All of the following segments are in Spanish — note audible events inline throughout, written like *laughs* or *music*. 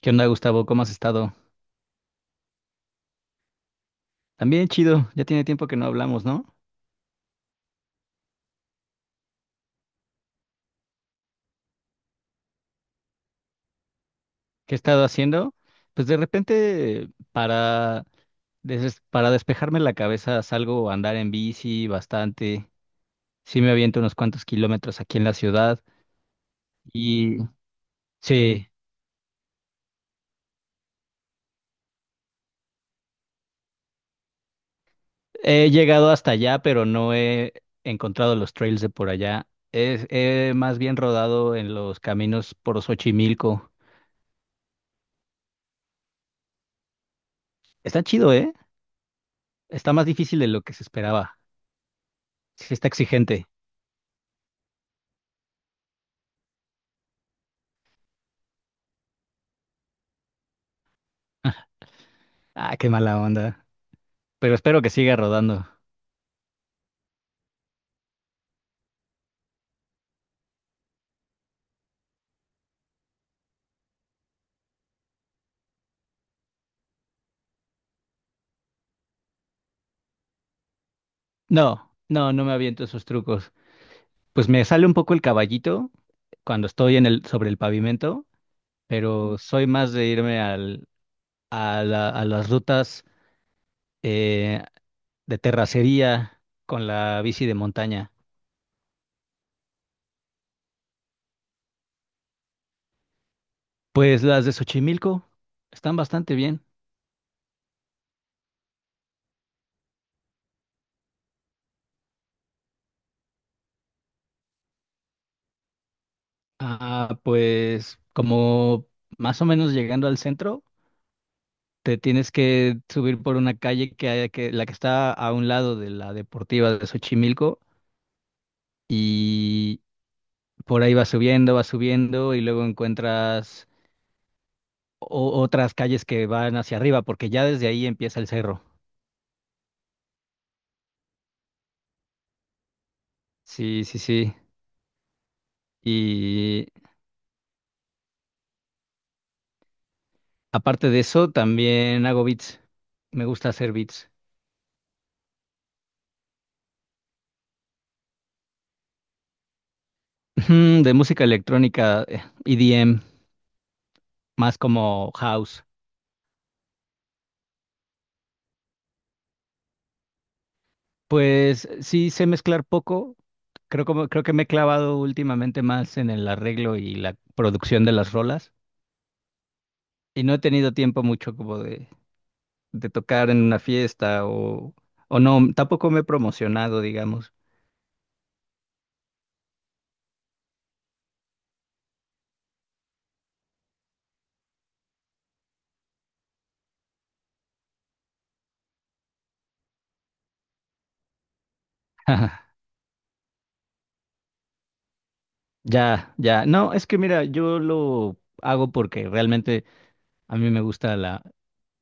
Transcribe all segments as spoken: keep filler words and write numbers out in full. ¿Qué onda, Gustavo? ¿Cómo has estado? También chido, ya tiene tiempo que no hablamos, ¿no? ¿Qué he estado haciendo? Pues de repente, para, des- para despejarme la cabeza, salgo a andar en bici bastante. Sí me aviento unos cuantos kilómetros aquí en la ciudad. Y sí, he llegado hasta allá, pero no he encontrado los trails de por allá. Es, he más bien rodado en los caminos por Xochimilco. Está chido, ¿eh? Está más difícil de lo que se esperaba. Sí está exigente. Ah, qué mala onda. Pero espero que siga rodando. No, no, no me aviento esos trucos. Pues me sale un poco el caballito cuando estoy en el, sobre el pavimento, pero soy más de irme al, a la- a las rutas eh, de terracería con la bici de montaña. Pues las de Xochimilco están bastante bien. Ah, pues como más o menos llegando al centro. Te tienes que subir por una calle que, hay- que la que está a un lado de la deportiva de Xochimilco y por ahí vas subiendo, vas subiendo y luego encuentras o- otras calles que van hacia arriba porque ya desde ahí empieza el cerro. Sí, sí, sí. Y aparte de eso, también hago beats. Me gusta hacer beats. *laughs* Ujú. De música electrónica, eh, E D M, más como house. Pues sí sé mezclar poco. Creo como, creo que me he clavado últimamente más en el arreglo y la producción de las rolas. Y no he tenido tiempo mucho como de, de tocar en una fiesta o, o no, tampoco me he promocionado, digamos. *laughs* Ya, ya. No, es que mira, yo lo hago porque realmente a mí me gusta la,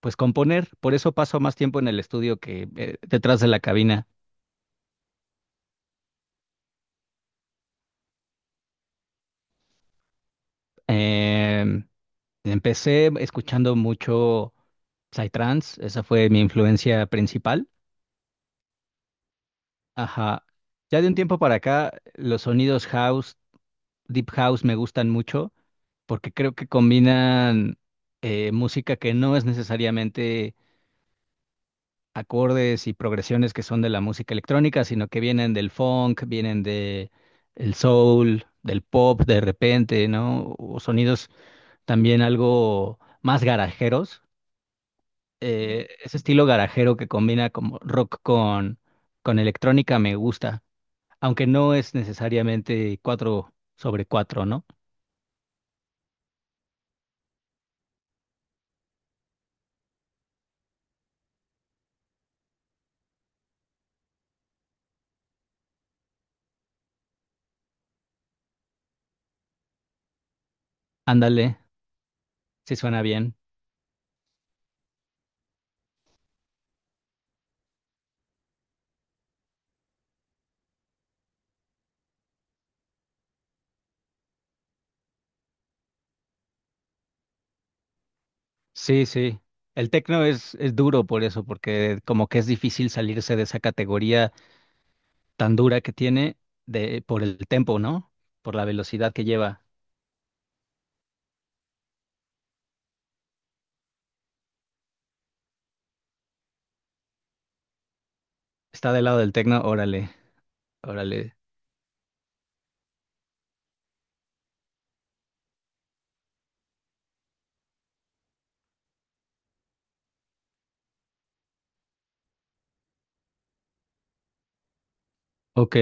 pues componer. Por eso paso más tiempo en el estudio que eh, detrás de la cabina. Em, Empecé escuchando mucho Psytrance, esa fue mi influencia principal. Ajá. Ya de un tiempo para acá, los sonidos house, deep house me gustan mucho porque creo que combinan eh, música que no es necesariamente acordes y progresiones que son de la música electrónica, sino que vienen del funk, vienen de el soul, del pop de repente, ¿no? O sonidos también algo más garajeros, eh, ese estilo garajero que combina como rock con, con electrónica me gusta, aunque no es necesariamente cuatro sobre cuatro, ¿no? Ándale, sí suena bien. Sí, sí. El tecno es, es duro por eso, porque como que es difícil salirse de esa categoría tan dura que tiene de, por el tempo, ¿no? Por la velocidad que lleva. Está del lado del tecno, órale, órale. Ok,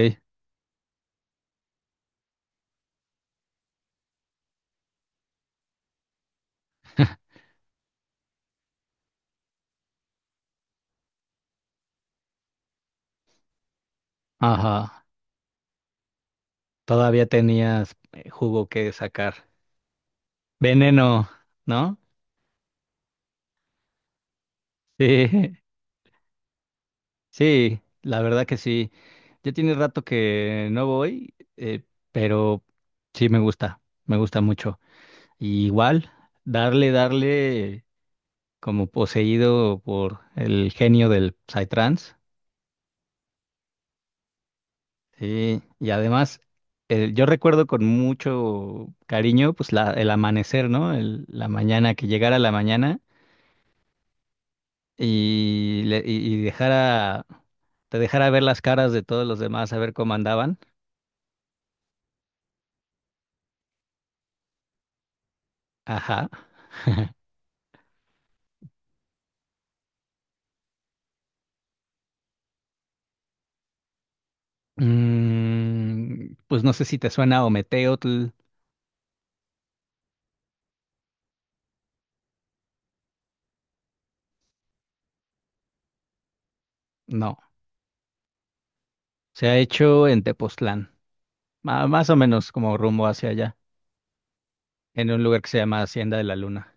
ajá. Todavía tenías eh, jugo que sacar. Veneno, ¿no? Sí, *laughs* sí, la verdad que sí. Ya tiene rato que no voy, eh, pero sí me gusta, me gusta mucho. Y igual, darle, darle como poseído por el genio del Psytrance. Sí, y además, eh, yo recuerdo con mucho cariño, pues la, el amanecer, ¿no? El- la mañana, que llegara la mañana y, le- y y dejara, te dejara ver las caras de todos los demás, a ver cómo andaban. Ajá. Mm, pues no sé si te suena Ometeotl. No, se ha hecho en Tepoztlán, ma- más o menos como rumbo hacia allá, en un lugar que se llama Hacienda de la Luna.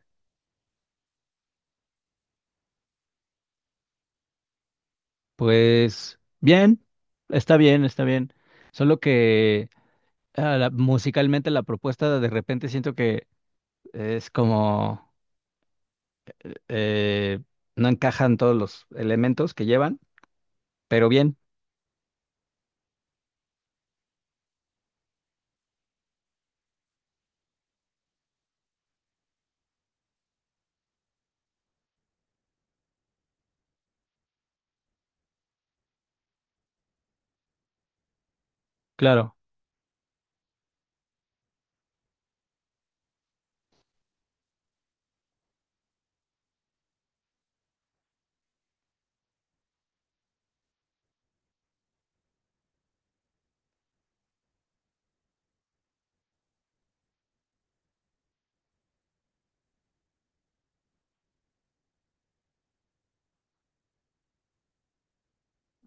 Pues bien, está bien, está bien. Solo que ah, la- musicalmente la propuesta de repente siento que es como eh, no encajan todos los elementos que llevan, pero bien, claro.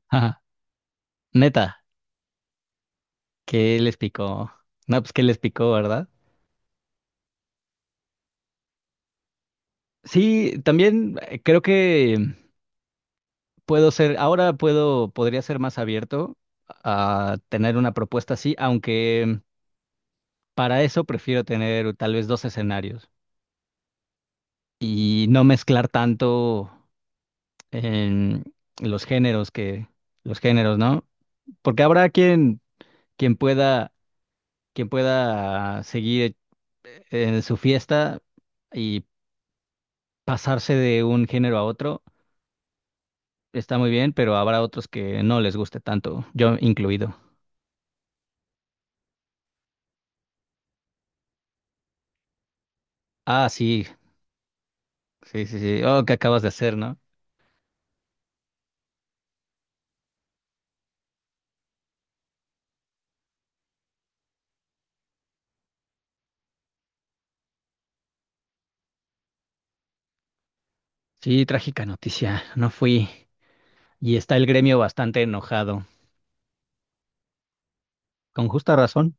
Ajá. Neta, ¿qué les picó? No, pues qué les picó, ¿verdad? Sí, también eh, creo que puedo ser, ahora puedo, podría ser más abierto a tener una propuesta así, aunque para eso prefiero tener tal vez dos escenarios y no mezclar tanto en los géneros que, los géneros, ¿no? Porque habrá quien, quien pueda, quien pueda seguir eh, en su fiesta y pasarse de un género a otro, está muy bien, pero habrá otros que no les guste tanto, yo incluido. Ah, sí, sí, sí, sí. Oh, ¿qué acabas de hacer, no? Sí, trágica noticia. No fui. Y está el gremio bastante enojado. Con justa razón.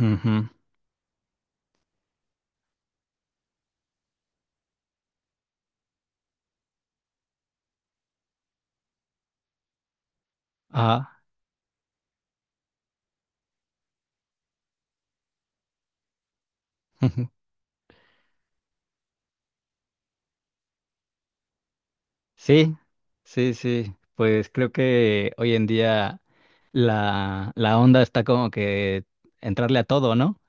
Ujú. Ah, *laughs* sí, sí, sí. Pues creo que hoy en día la, la onda está como que entrarle a todo, ¿no?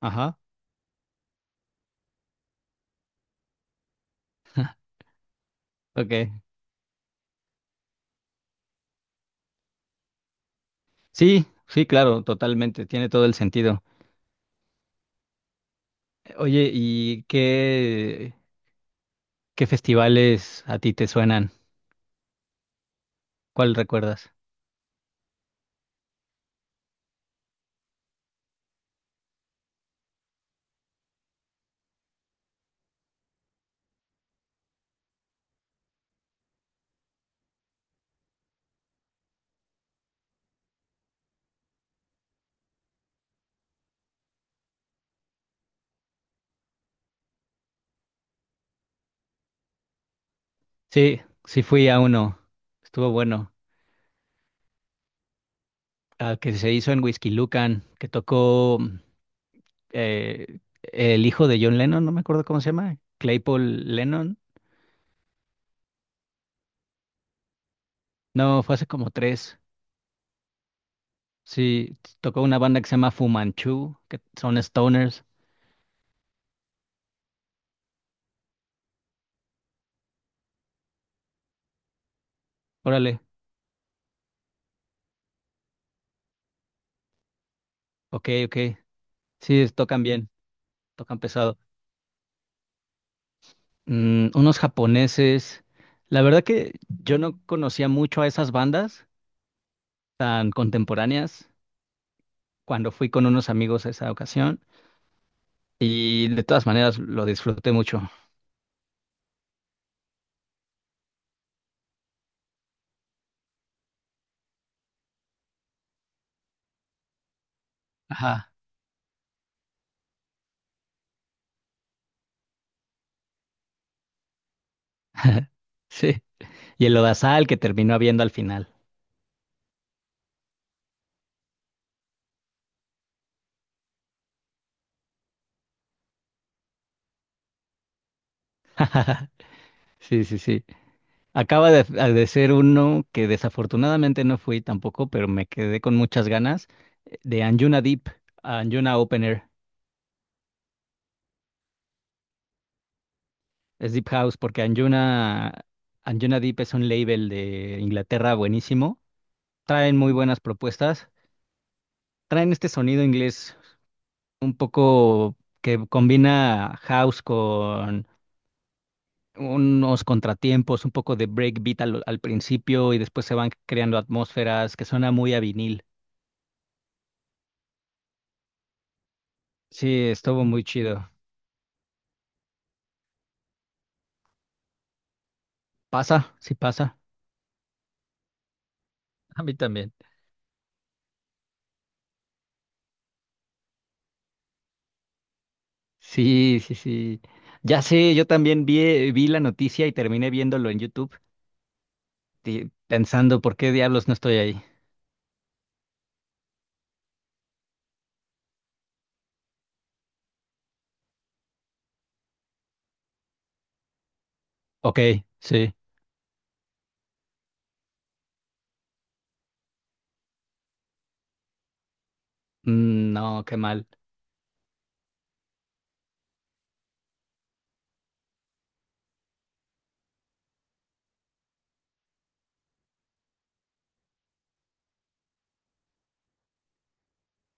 Ajá, ok. Sí, sí, claro, totalmente. Tiene todo el sentido. Oye, ¿y qué, ¿qué festivales a ti te suenan? ¿Cuál recuerdas? Sí, sí fui a uno. Estuvo bueno. Al que se hizo en Whiskey Lucan, que tocó mm, eh, el hijo de John Lennon, no me acuerdo cómo se llama, Claypool Lennon. No, fue hace como tres. Sí, tocó una banda que se llama Fu Manchu, que son stoners. Órale, ok, ok. Sí, es- tocan bien, tocan pesado. Mm, unos japoneses. La verdad que yo no conocía mucho a esas bandas tan contemporáneas cuando fui con unos amigos a esa ocasión. Y de todas maneras lo disfruté mucho. Ajá. *laughs* Sí. Y el lodazal que terminó habiendo al final. *laughs* Sí, sí, sí. Acaba de, de ser uno que desafortunadamente no fui tampoco, pero me quedé con muchas ganas eh, de Anjuna Deep, Anjuna Open Air. Es Deep House porque Anjuna, Anjuna Deep es un label de Inglaterra buenísimo. Traen muy buenas propuestas. Traen este sonido inglés un poco que combina house unos contratiempos, un poco de breakbeat al, al principio y después se van creando atmósferas que suena muy a vinil. Sí, estuvo muy chido. ¿Pasa? Sí pasa. *laughs* A mí también. Sí, sí, sí. Ya sé, yo también vi, vi la noticia y terminé viéndolo en YouTube, ti- pensando por qué diablos no estoy ahí. Ok, sí. Mm, no, qué mal.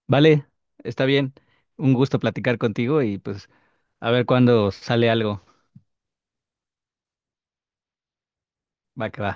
Vale, está bien. Un gusto platicar contigo y pues a ver cuándo sale algo. Va que va.